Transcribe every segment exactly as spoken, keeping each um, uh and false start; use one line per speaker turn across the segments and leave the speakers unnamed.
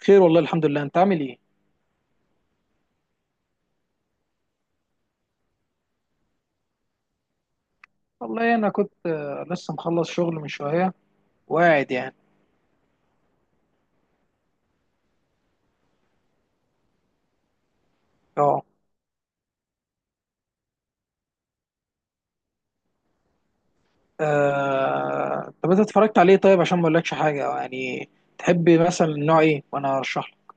خير والله الحمد لله، انت عامل ايه؟ والله انا كنت آه، لسه مخلص شغل من شويه وقاعد يعني. اه، آه، طب انت اتفرجت عليه؟ طيب عشان ما اقولكش حاجه، اه، يعني تحب مثلا نوع ايه وانا ارشح لك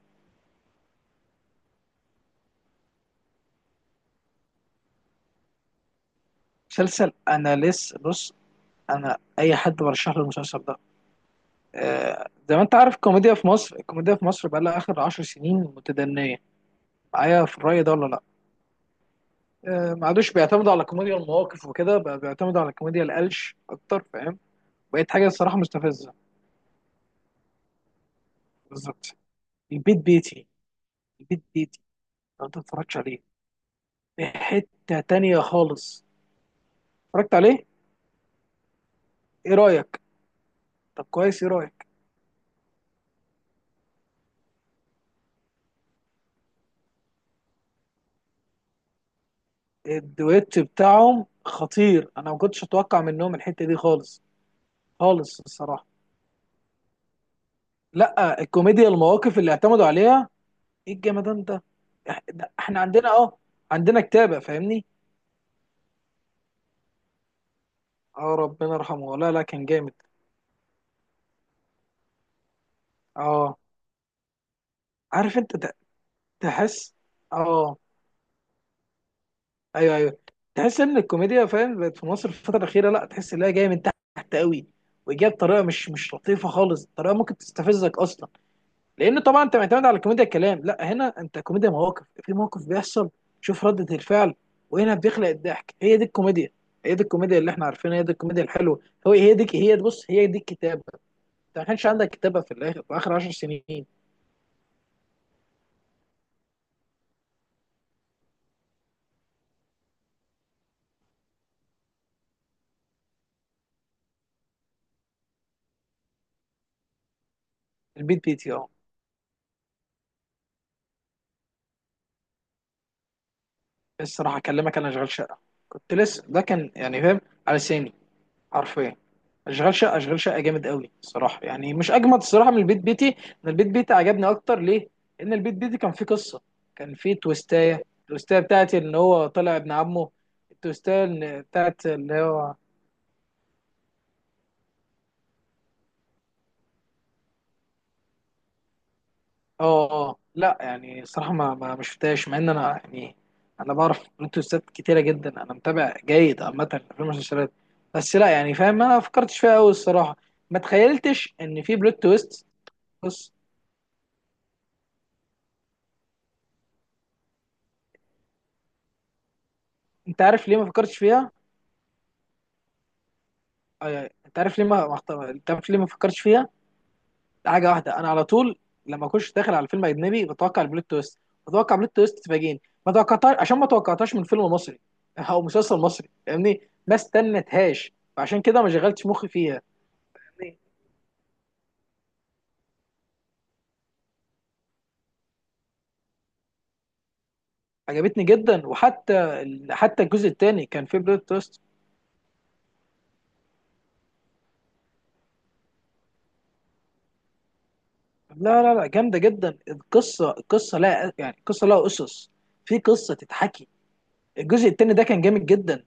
مسلسل. انا لسه بص، انا اي حد برشح له المسلسل ده. آه، زي ما انت عارف، الكوميديا في مصر، الكوميديا في مصر بقى لها اخر عشر سنين متدنيه. معايا في الرأي ده ولا لا؟ آه، ما عادوش بيعتمدوا على كوميديا المواقف وكده، بقى بيعتمدوا على كوميديا القلش اكتر، فاهم؟ بقت حاجه الصراحه مستفزه. بالظبط، البيت بيتي، البيت بيتي لو انت متفرجتش عليه في حتة تانية خالص. اتفرجت عليه؟ ايه رأيك؟ طب كويس، ايه رأيك؟ الدويت بتاعهم خطير، انا ما كنتش اتوقع منهم الحتة دي خالص، خالص الصراحة. لا، الكوميديا المواقف اللي اعتمدوا عليها، ايه الجمدان ده! إح- ده احنا عندنا اه، عندنا كتابة فاهمني. اه، ربنا يرحمه، لا لا كان جامد. اه، عارف انت، ت- تحس، اه، ايوه ايوه، تحس ان الكوميديا، فاهم، بقت في مصر في الفتره الاخيره، لا تحس ان هي جايه من تحت قوي، وجايه بطريقه مش مش لطيفه خالص، طريقه ممكن تستفزك اصلا. لان طبعا انت معتمد على كوميديا الكلام، لا هنا انت كوميديا مواقف، في موقف بيحصل، شوف ردة الفعل، وهنا بيخلق الضحك. هي دي الكوميديا، هي دي الكوميديا اللي احنا عارفينها، هي دي الكوميديا الحلوه. هو هي دي، هي بص، هي دي الكتابه. انت ما كانش عندك كتابه في الاخر، في اخر 10 سنين. البيت بيتي، اه، الصراحه اكلمك، انا شغال شقه، كنت لسه ده كان يعني فاهم، على سامي، حرفيا. اشغال شقه، اشغال شقه جامد قوي الصراحه، يعني مش اجمد الصراحه من البيت بيتي. انا البيت بيتي عجبني اكتر، ليه؟ ان البيت بيتي كان فيه قصه، كان فيه تويستايه، التويستايه بتاعت ان هو طلع ابن عمه. التويستايه إن- بتاعت اللي هو اه، اه، آه. لا يعني الصراحه ما ما ما شفتهاش، مع ان انا يعني انا بعرف بلوت تويستات كتيره جدا، انا متابع جيد عامه في المسلسلات، بس لا يعني فاهم، ما فكرتش فيها قوي الصراحه، ما تخيلتش ان في بلوت تويست. بص، انت عارف ليه ما فكرتش فيها؟ أي- انت عارف ليه ما ما اختار، انت عارف ليه ما فكرتش فيها؟ حاجه واحده، انا على طول لما اخش داخل على فيلم اجنبي بتوقع البلوت تويست، بتوقع بلوت تويست تفاجئني ما توقعتهاش، عشان ما توقعتهاش من فيلم مصري او مسلسل مصري، فاهمني، ما استنتهاش، فعشان كده ما شغلتش مخي فيها. فاهمني؟ عجبتني جدا، وحتى ال- حتى الجزء الثاني كان فيه بلوت تويست. لا لا لا، جامده جدا، القصه، القصه لا يعني، القصه لها اسس، في قصه تتحكي. الجزء الثاني ده كان جامد جدا.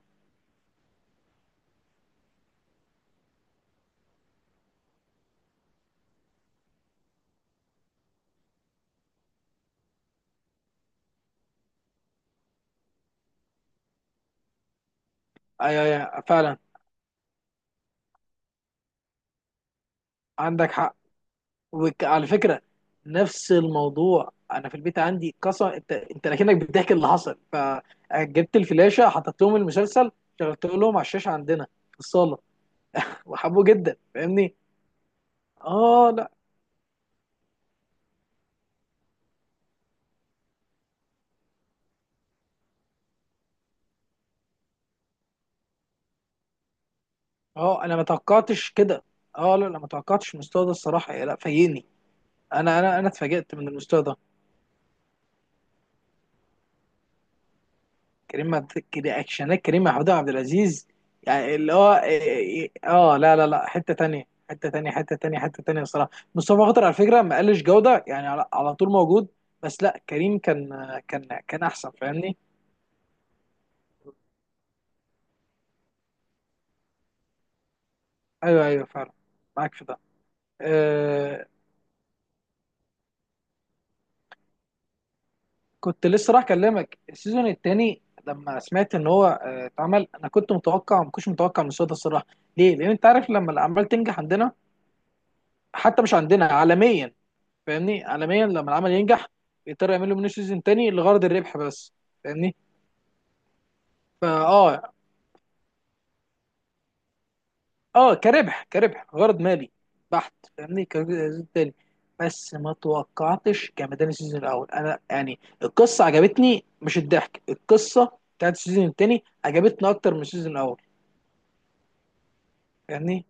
أي- أي- أي، فعلا. عندك حق. وعلى فكره، نفس الموضوع، انا في البيت عندي قصه، انت انت لكنك بتحكي اللي حصل، فجبت الفلاشه حطيت لهم المسلسل، شغلت لهم على الشاشه عندنا في الصاله، وحبوه جدا فاهمني. اه لا، اه، انا ما توقعتش كده، اه، لا لا ما توقعتش المستوى ده الصراحه، لا فاجئني، انا انا انا اتفاجئت من المستوى ده. كريم عبد- كده اكشنات كريم محمود عبد العزيز، يعني اللي هو إيه، إيه، اه، لا لا لا حته تانية، حته تانية، حته تانية، حته تانية الصراحه. مصطفى خاطر على فكره ما قلش جوده، يعني على، على طول موجود، بس لا كريم كان، كان كان احسن فاهمني. ايوه ايوه فعلا، معاك في ده. آه، كنت لسه راح اكلمك. السيزون الثاني لما سمعت ان هو آه، اتعمل، انا كنت متوقع، ما كنتش متوقع من الصوت الصراحه، ليه؟ لان انت عارف لما الاعمال تنجح عندنا، حتى مش عندنا، عالميا فاهمني، عالميا لما العمل ينجح بيضطروا يعملوا منه سيزون تاني لغرض الربح بس، فاهمني. فاه، اه، آه، كربح، كربح غرض مالي بحت، فاهمني، كسيزون تاني. بس ما توقعتش جمدان السيزون الاول انا يعني. القصه عجبتني، مش الضحك، القصه بتاعت السيزون التاني عجبتني اكتر من السيزون الاول فاهمني.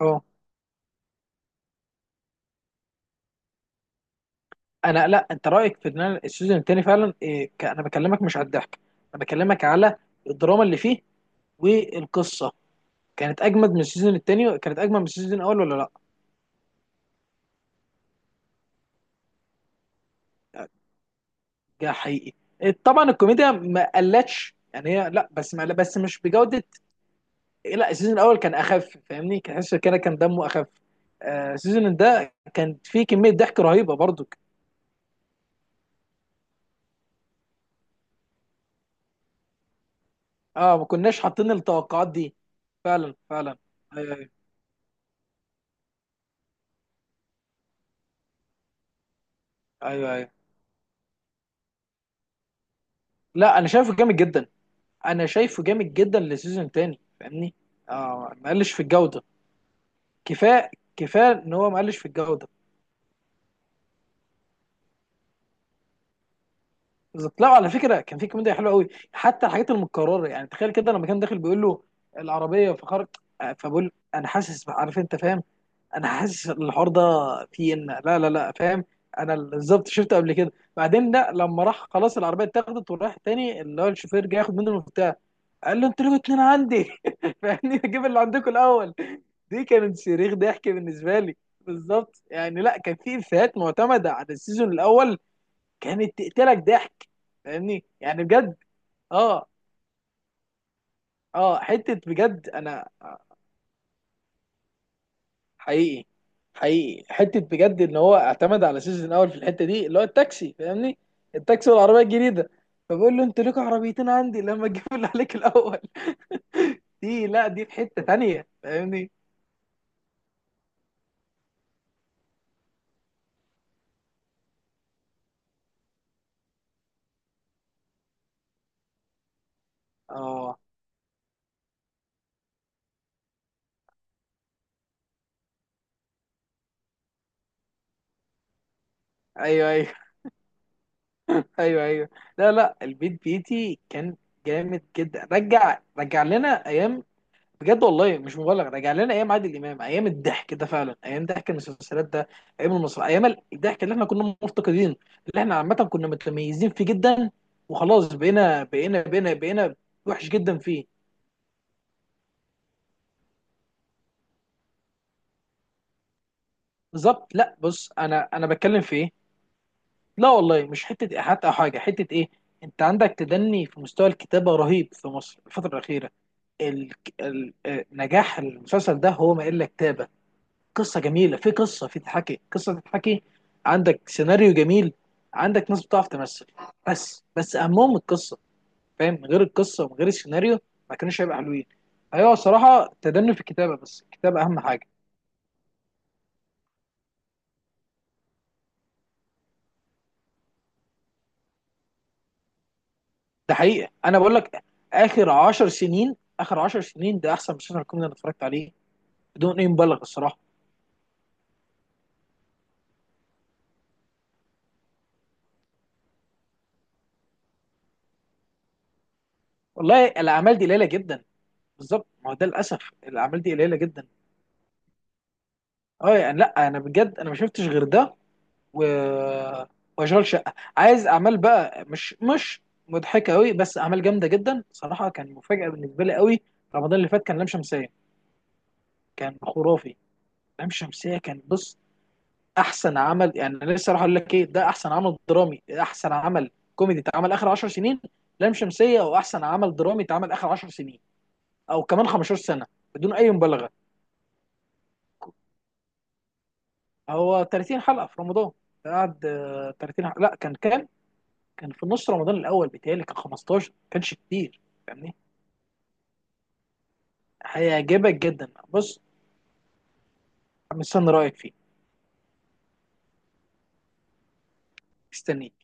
اه، انا لا، انت رايك في ان أنا السيزون التاني فعلا إيه؟ ك- انا بكلمك مش على الضحك، انا بكلمك على الدراما اللي فيه والقصه، كانت اجمد من السيزون الثاني، كانت اجمد من السيزون الاول ولا لا؟ ده حقيقي. إيه، طبعا الكوميديا ما قلتش يعني هي، لا بس ما بس مش بجوده. لا السيزون الاول كان اخف فاهمني، كان حاسس كده كان دمه اخف. آه، السيزون ده كان فيه كميه ضحك رهيبه برضو. اه ما كناش حاطين التوقعات دي. فعلا فعلا، ايوه ايوه، ايوه أيوه. لا انا شايفه جامد جدا، انا شايفه جامد جدا للسيزون الثاني فاهمني. اه، ما قلش في الجوده، كفايه كفايه ان هو ما قلش في الجوده. بالظبط، لا على فكره كان في كوميديا حلوه قوي، حتى الحاجات المتكرره يعني. تخيل كده، لما كان داخل بيقول له العربيه فخرج، فبقول انا حاسس عارف انت فاهم، انا حاسس الحوار ده فيه ان، لا لا لا فاهم، انا بالظبط شفته قبل كده. بعدين لا، لما راح خلاص العربيه اتاخدت وراح تاني، اللي هو الشوفير جاي ياخد منه المفتاح، قال له انتوا ليه اتنين عندي؟ فاهمني، اجيب اللي عندكم الاول. دي كانت صريخ ضحك بالنسبه لي بالظبط. يعني لا كان في افيهات معتمده على السيزون الاول، كانت تقتلك ضحك. فاهمني، يعني بجد، اه، اه، حته بجد انا، حقيقي حقيقي، حته بجد ان هو اعتمد على سيزون اول في الحته دي، اللي هو التاكسي فاهمني، التاكسي والعربيه الجديده، فبقول له انت ليك عربيتين عندي، لما اجيب اللي عليك الاول. دي لا، دي في حته تانيه فاهمني. اه، ايوه ايوه، ايوه ايوه، لا لا، البيت بيتي كان جامد جدا، رجع رجع لنا ايام، بجد والله مش مبالغ، راجع لنا ايام عادل امام، ايام الضحك ده فعلا، ايام ضحك المسلسلات ده، ايام المصر، ايام الضحك اللي احنا كنا مفتقدين، اللي احنا عامه كنا متميزين فيه جدا. وخلاص بقينا، بقينا بقينا بقينا وحش جدا فيه. بالظبط، لا بص، انا انا بتكلم في ايه، لا والله مش حته ايحاءات او حاجه، حته ايه. انت عندك تدني في مستوى الكتابه رهيب في مصر الفتره الاخيره، ال... ال... آه، نجاح المسلسل ده هو ما الا كتابه، قصه جميله، في قصه، في تتحكي، قصه تتحكي، عندك سيناريو جميل، عندك ناس بتعرف تمثل، بس بس اهمهم القصه، فاهم من غير القصه ومن غير السيناريو ما كانوش هيبقى حلوين. ايوه الصراحه تدني في الكتابه، بس الكتابه اهم حاجه. ده حقيقه، انا بقول لك اخر 10 سنين، اخر 10 سنين، ده احسن مسلسل كوميدي انا اتفرجت عليه بدون اي مبالغه الصراحه. والله الاعمال دي قليله جدا، بالظبط، ما هو ده للاسف، الاعمال دي قليله جدا. اه يعني، لا انا بجد انا ما شفتش غير ده، و... واشغال شقه. عايز اعمال بقى، مش مش مضحكه قوي، بس اعمال جامده جدا صراحه، كان مفاجاه بالنسبه لي قوي. رمضان اللي فات كان لام شمسيه، كان خرافي. لام شمسيه كان بص احسن عمل، يعني انا لسه راح اقول لك ايه، ده احسن عمل درامي، احسن عمل كوميدي اتعمل اخر 10 سنين، لام شمسيه، او احسن عمل درامي اتعمل اخر 10 سنين او كمان 15 سنه، بدون اي مبالغه. هو 30 حلقه في رمضان، قعد آه، 30 حلقه، لا كان كام؟ كان في نص رمضان الاول بتهيألي كان خمستاشر، ما كانش كتير فاهمني. هيعجبك جدا بص. مستني رايك فيه، مستنيك.